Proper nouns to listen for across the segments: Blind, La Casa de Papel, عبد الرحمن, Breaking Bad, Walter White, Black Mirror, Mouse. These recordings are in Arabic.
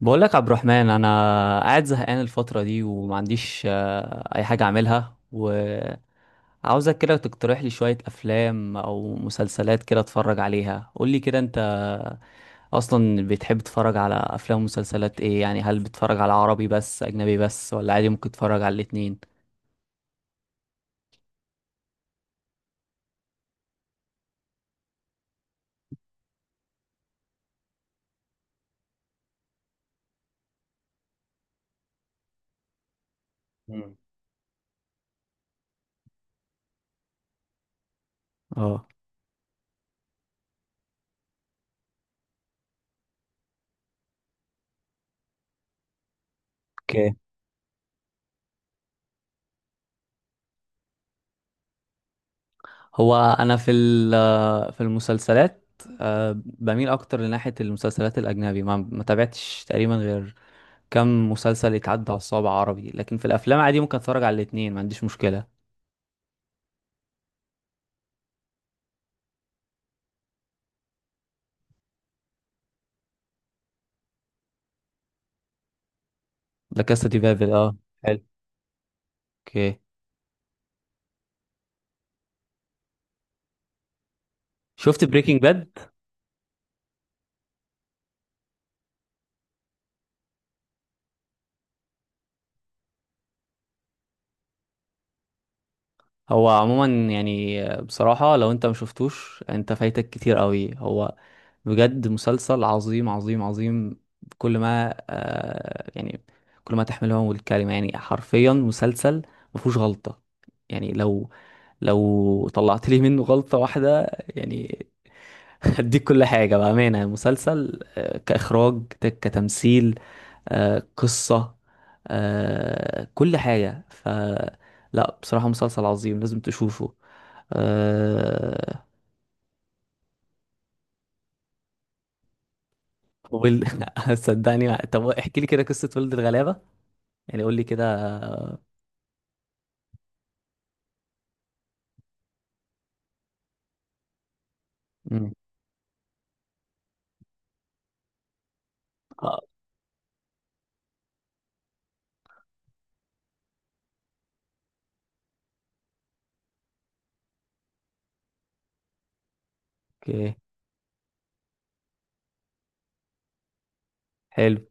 بقول لك عبد الرحمن، انا قاعد زهقان الفتره دي وما عنديش، اي حاجه اعملها. وعاوزك كده تقترح لي شويه افلام او مسلسلات كده اتفرج عليها. قول لي كده، انت اصلا بتحب تتفرج على افلام ومسلسلات ايه يعني؟ هل بتتفرج على عربي بس، اجنبي بس، ولا عادي ممكن تتفرج على الاتنين؟ مم. اه. اوكي. هو انا في في المسلسلات، بميل اكتر لناحيه المسلسلات الاجنبي. ما تابعتش تقريبا غير كم مسلسل يتعدى على الصوابع عربي، لكن في الافلام عادي ممكن اتفرج على الاثنين، ما عنديش مشكله. لا، كاسا دي بابل، اه. حلو. اوكي. شفت بريكنج باد؟ هو عموما يعني بصراحه، لو انت ما شفتوش انت فايتك كتير قوي. هو بجد مسلسل عظيم عظيم عظيم. كل ما يعني كل ما تحمله الكلمه، يعني حرفيا مسلسل ما فيهوش غلطه. يعني لو طلعت لي منه غلطه واحده يعني هديك كل حاجة بأمانة. مسلسل، كإخراج، كتمثيل، قصة، كل حاجة. ف لا بصراحة مسلسل عظيم، لازم تشوفه آه، ويل صدقني. طب احكي لي كده قصة ولد الغلابة، يعني قول لي كده. مم. آه. اوكي. حلو.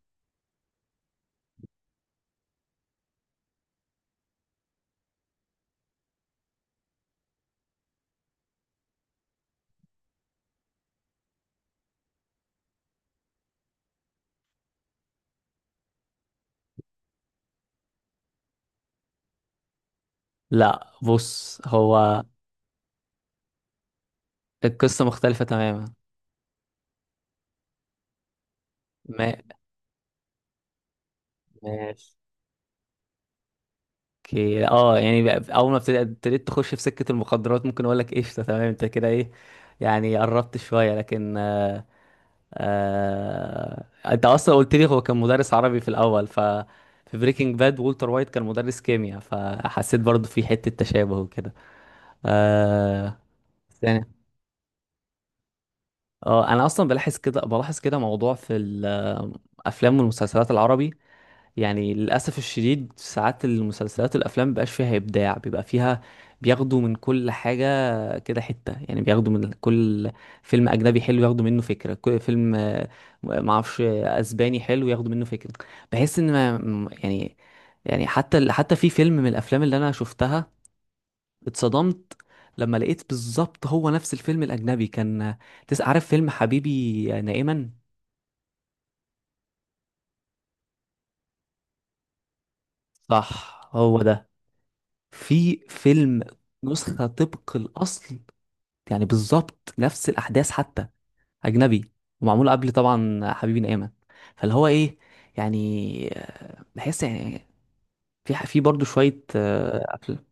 لا بص، هو القصة مختلفة تماما. ما ماشي. اوكي اه. يعني اول ما ابتديت تخش في سكة المخدرات، ممكن اقول لك قشطة تمام، انت كده ايه يعني قربت شوية، لكن آه انت اصلا قلت لي هو كان مدرس عربي في الاول، ف في بريكنج باد والتر وايت كان مدرس كيمياء، فحسيت برضو في حتة تشابه وكده آه ثاني اه، انا اصلا بلاحظ كده، بلاحظ كده موضوع في الافلام والمسلسلات العربي. يعني للأسف الشديد ساعات المسلسلات والأفلام مبيبقاش فيها إبداع، بيبقى فيها بياخدوا من كل حاجة كده حتة. يعني بياخدوا من كل فيلم أجنبي حلو ياخدوا منه فكرة، كل فيلم معرفش، أسباني حلو ياخدوا منه فكرة. بحس إن ما م- يعني، يعني حتى حتى في فيلم من الأفلام اللي أنا شفتها اتصدمت لما لقيت بالظبط هو نفس الفيلم الأجنبي. كان عارف فيلم حبيبي نائما؟ صح، هو ده. في فيلم نسخة طبق الأصل، يعني بالظبط نفس الأحداث، حتى أجنبي ومعمول قبل طبعا حبيبي نقامة. فاللي هو إيه يعني، بحس يعني في في برضه شوية أفلام،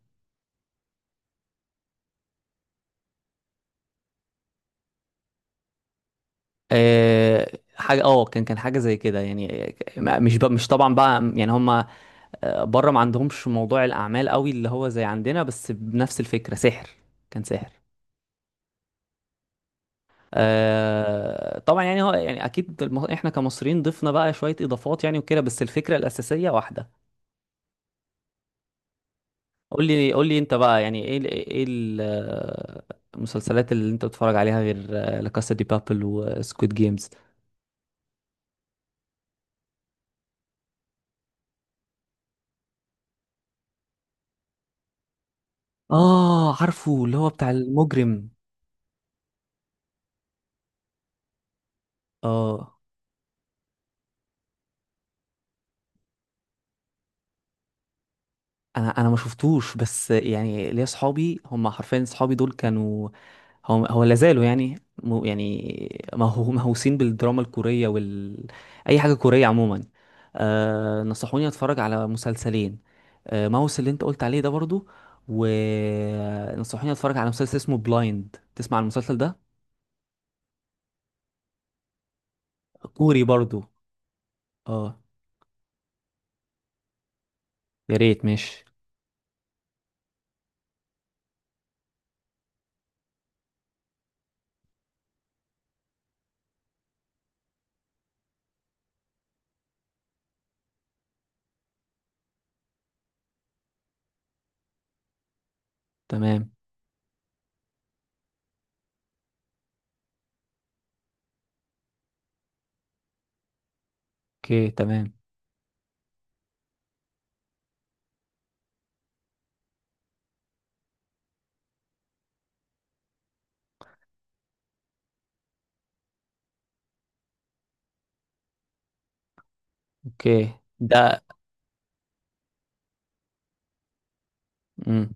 حاجة اه، كان حاجة زي كده يعني. مش بقى، مش طبعا بقى يعني هما، بره ما عندهمش موضوع الأعمال قوي اللي هو زي عندنا، بس بنفس الفكرة سحر، كان سحر. آه طبعا، يعني هو يعني اكيد احنا كمصريين ضفنا بقى شويه اضافات يعني وكده، بس الفكره الاساسيه واحده. قول لي انت بقى يعني ايه ايه المسلسلات اللي انت بتتفرج عليها غير لا كاسا دي بابل وسكويد جيمز؟ اه، عارفه، اللي هو بتاع المجرم. اه، انا ما شفتوش، بس يعني ليا صحابي هم حرفيا صحابي دول كانوا، هو لا زالوا يعني يعني مهووسين بالدراما الكورية وال اي حاجة كورية عموما. آه، نصحوني اتفرج على مسلسلين: آه ماوس اللي انت قلت عليه ده برضو، ونصحوني اتفرج على مسلسل اسمه بلايند. تسمع عن المسلسل ده؟ كوري برضو اه. يا ريت، ماشي. تمام. اوكي تمام. اوكي ده امم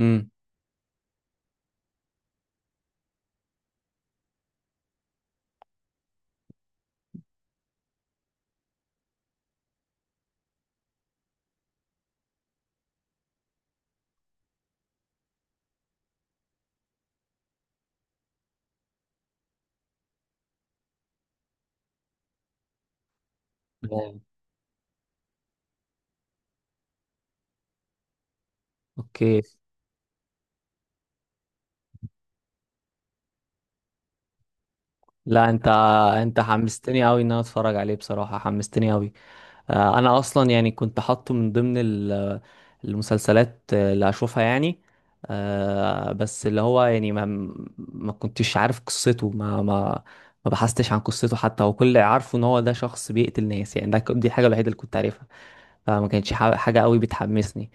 امم اوكي. لا انت حمستني قوي ان انا اتفرج عليه، بصراحة حمستني قوي. انا اصلا يعني كنت حاطه من ضمن المسلسلات اللي هشوفها يعني. بس اللي هو يعني ما كنتش عارف قصته ما بحثتش عن قصته حتى. هو كل اللي عارفه ان هو ده شخص بيقتل ناس يعني، ده دي الحاجة الوحيدة اللي كنت عارفها، فما كانتش حاجة قوي بتحمسني.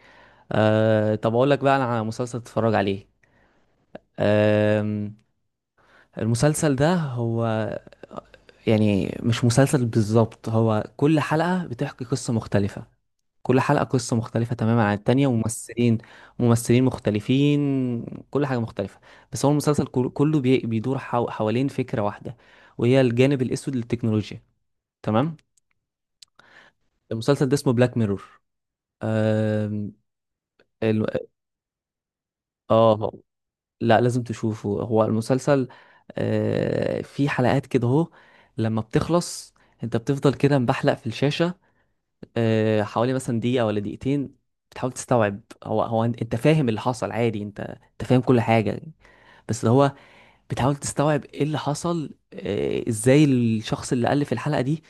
أه طب اقول لك بقى انا على مسلسل تتفرج عليه. المسلسل ده هو يعني مش مسلسل بالظبط، هو كل حلقة بتحكي قصة مختلفة. كل حلقة قصة مختلفة تماما عن التانية، وممثلين مختلفين، كل حاجة مختلفة. بس هو المسلسل كله بيدور حوالين فكرة واحدة، وهي الجانب الأسود للتكنولوجيا. تمام. المسلسل ده اسمه بلاك ميرور. اه. لا لازم تشوفه. هو المسلسل في حلقات كده اهو لما بتخلص انت بتفضل كده مبحلق في الشاشة حوالي مثلا دقيقة ولا دقيقتين. بتحاول تستوعب، هو انت، فاهم اللي حصل عادي، انت فاهم كل حاجة، بس اللي هو بتحاول تستوعب ايه اللي حصل. ازاي الشخص اللي ألف الحلقة دي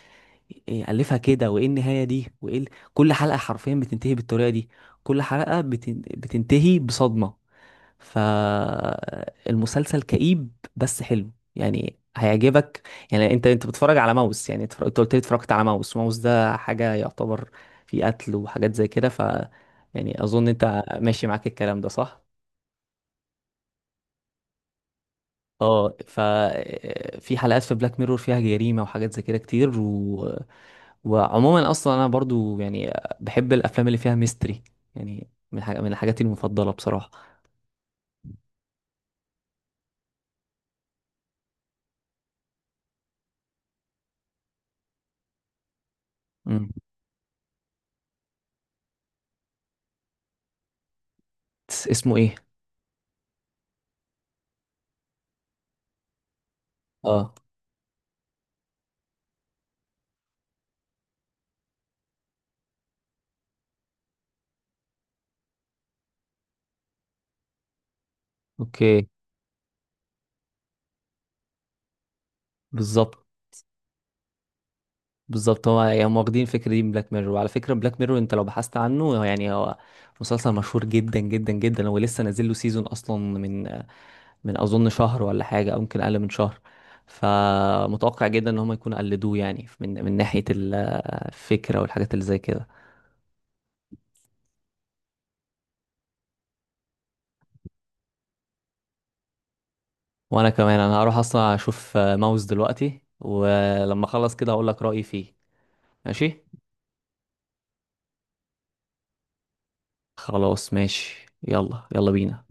إيه ألفها كده، وإيه النهاية دي، وإيه كل حلقة حرفيا بتنتهي بالطريقة دي. كل حلقة بتنتهي بصدمة. فالمسلسل كئيب بس حلو، يعني هيعجبك. يعني انت بتتفرج على ماوس يعني، انت قلت لي اتفرجت على ماوس. ماوس ده حاجة يعتبر فيه قتل وحاجات زي كده، ف يعني اظن انت ماشي معاك الكلام ده صح؟ اه، ف في حلقات في بلاك ميرور فيها جريمة وحاجات زي كده كتير وعموما اصلا انا برضو يعني بحب الافلام اللي فيها ميستري، يعني من حاجة من حاجاتي المفضلة بصراحة. مم. اسمه ايه؟ اه. اوكي. بالظبط، بالظبط، هو يعني هم واخدين الفكره دي من بلاك ميرور. وعلى فكره بلاك ميرور انت لو بحثت عنه يعني، هو مسلسل مشهور جدا جدا جدا. هو لسه نازل له سيزون اصلا من اظن شهر، ولا حاجه، او يمكن اقل من شهر. فمتوقع جدا ان هم يكونوا قلدوه يعني من ناحيه الفكره والحاجات اللي زي كده. وانا كمان، انا هروح اصلا اشوف ماوس دلوقتي، ولما اخلص كده هقول لك رايي فيه. ماشي. خلاص ماشي، يلا يلا بينا.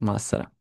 مع السلامه.